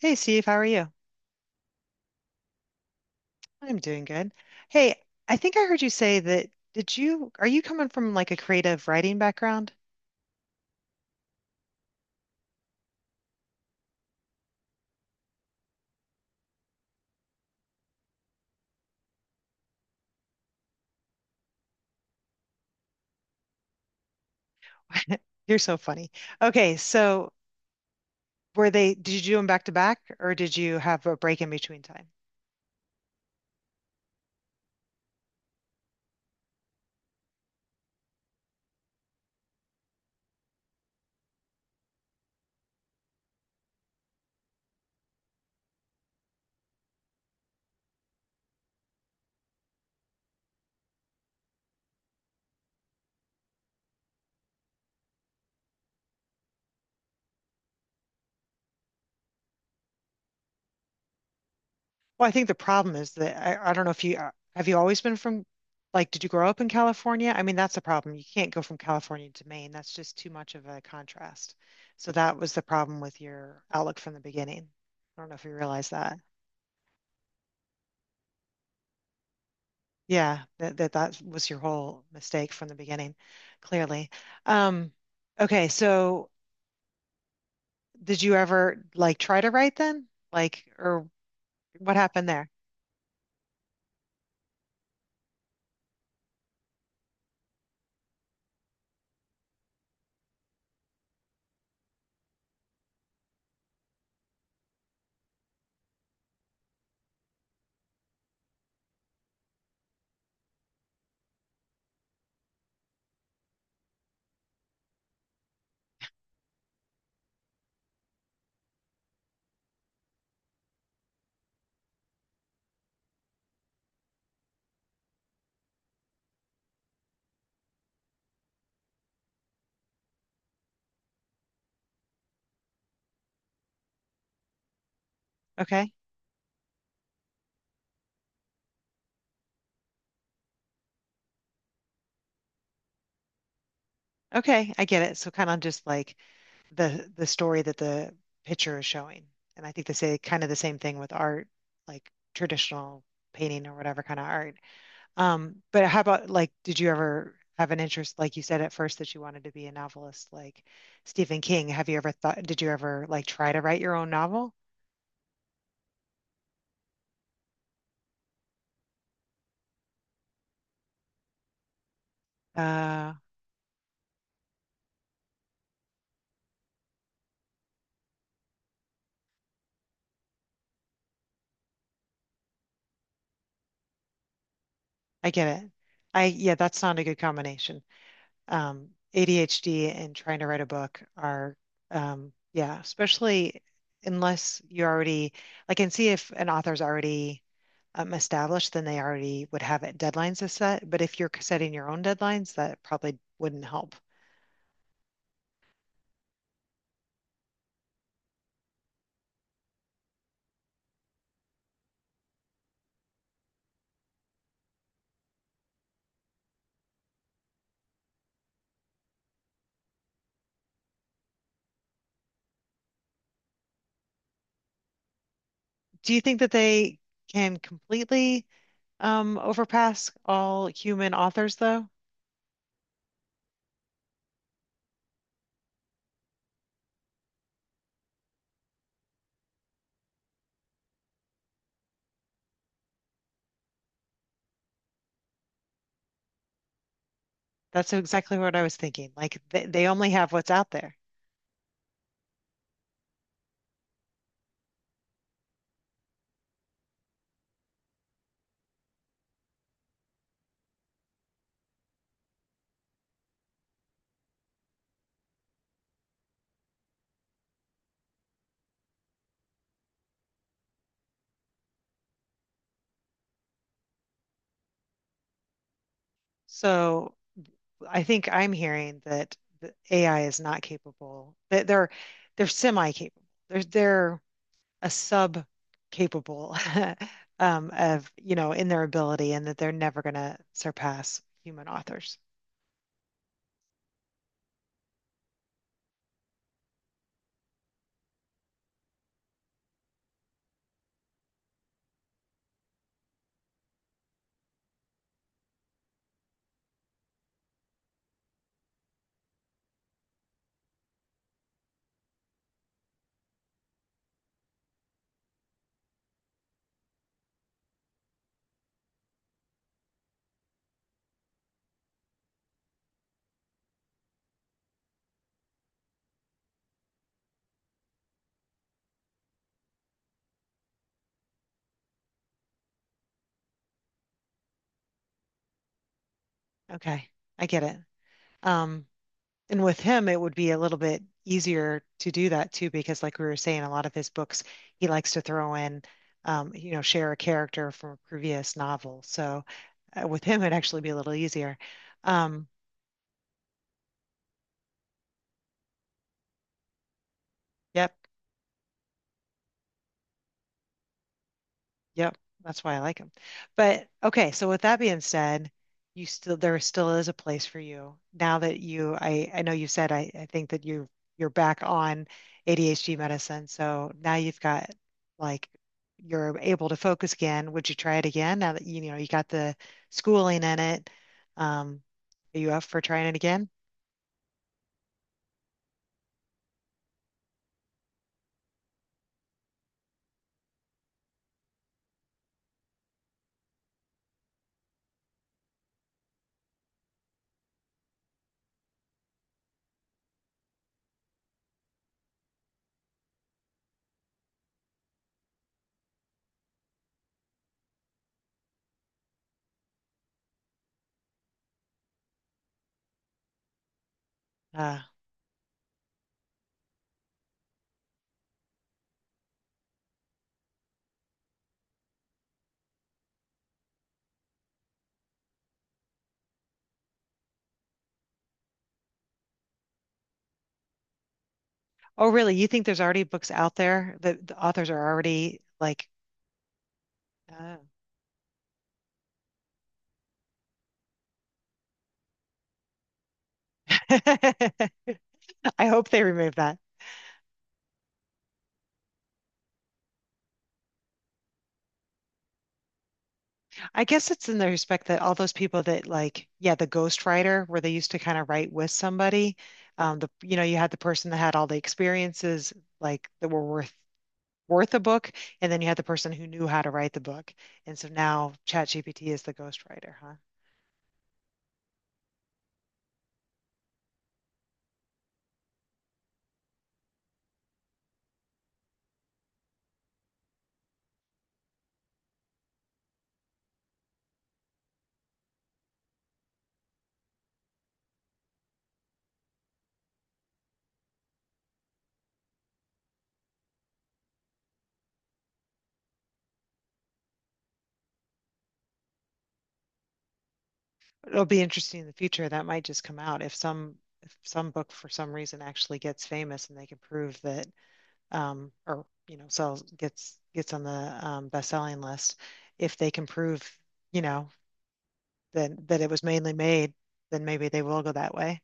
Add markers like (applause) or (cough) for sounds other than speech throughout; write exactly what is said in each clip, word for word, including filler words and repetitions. Hey Steve, how are you? I'm doing good. Hey, I think I heard you say that did you are you coming from like a creative writing background? (laughs) You're so funny. Okay, so were they did you do them back to back or did you have a break in between time? Well, I think the problem is that I, I don't know if you uh, have you always been from like did you grow up in California? I mean, that's the problem. You can't go from California to Maine. That's just too much of a contrast. So that was the problem with your outlook from the beginning. I don't know if you realize that. Yeah, that that that was your whole mistake from the beginning, clearly. Um, okay, so did you ever like try to write then? Like, or what happened there? Okay. Okay, I get it. So kind of just like the the story that the picture is showing. And I think they say kind of the same thing with art, like traditional painting or whatever kind of art. Um, but how about like, did you ever have an interest, like you said at first that you wanted to be a novelist, like Stephen King? Have you ever thought, did you ever like try to write your own novel? Uh, I get it. I, yeah, that's not a good combination. Um, A D H D and trying to write a book are, um, yeah, especially unless you already, like and see if an author's already um, established, then they already would have it deadlines to set. But if you're setting your own deadlines, that probably wouldn't help. Do you think that they can completely um, overpass all human authors, though? That's exactly what I was thinking. Like they, they only have what's out there. So I think I'm hearing that the A I is not capable. That they're they're semi-capable. They're they're a sub-capable (laughs) um, of you know in their ability, and that they're never going to surpass human authors. Okay, I get it. Um, And with him, it would be a little bit easier to do that too, because like we were saying, a lot of his books, he likes to throw in, um, you know, share a character from a previous novel. So uh, with him, it'd actually be a little easier. Um, yep. Yep, that's why I like them. But okay, so with that being said, you still there still is a place for you now that you I I know you said I I think that you you're back on A D H D medicine, so now you've got like you're able to focus again. Would you try it again now that you know you got the schooling in it? Um, are you up for trying it again? Uh, oh, really? You think there's already books out there that the authors are already like? Oh. (laughs) I hope they remove that. I guess it's in the respect that all those people that like, yeah, the ghostwriter, where they used to kind of write with somebody, um, the you know, you had the person that had all the experiences like that were worth worth a book, and then you had the person who knew how to write the book. And so now ChatGPT is the ghostwriter, huh? It'll be interesting in the future. That might just come out if some if some book for some reason actually gets famous and they can prove that um or you know sells gets gets on the um best-selling list if they can prove you know than that it was mainly made, then maybe they will go that way.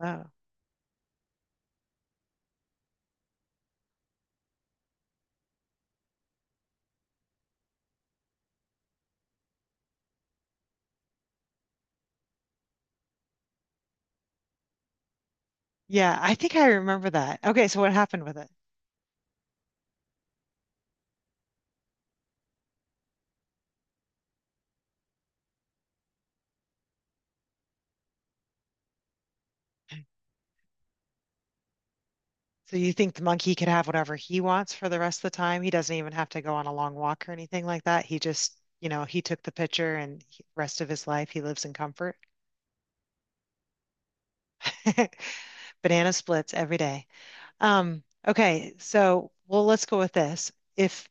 Oh, yeah, I think I remember that. Okay, so what happened with it? So you think the monkey could have whatever he wants for the rest of the time? He doesn't even have to go on a long walk or anything like that. He just, you know, he took the picture and he, rest of his life he lives in comfort. (laughs) Banana splits every day. Um, okay, so well, let's go with this. If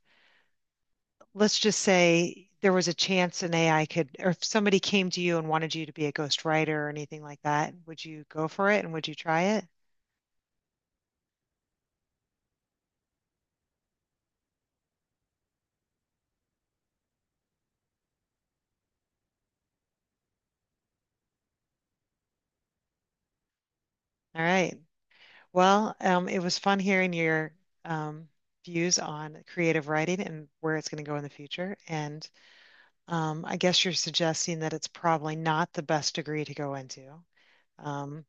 let's just say there was a chance an A I could, or if somebody came to you and wanted you to be a ghostwriter or anything like that, would you go for it and would you try it? All right. Well, um, it was fun hearing your um, views on creative writing and where it's going to go in the future. And um, I guess you're suggesting that it's probably not the best degree to go into. Um,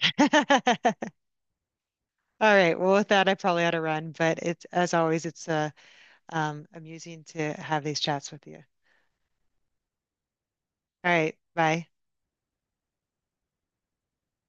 (laughs) all right. Well, with that, I probably ought to run, but it's, as always, it's uh, um, amusing to have these chats with you. All right. Bye.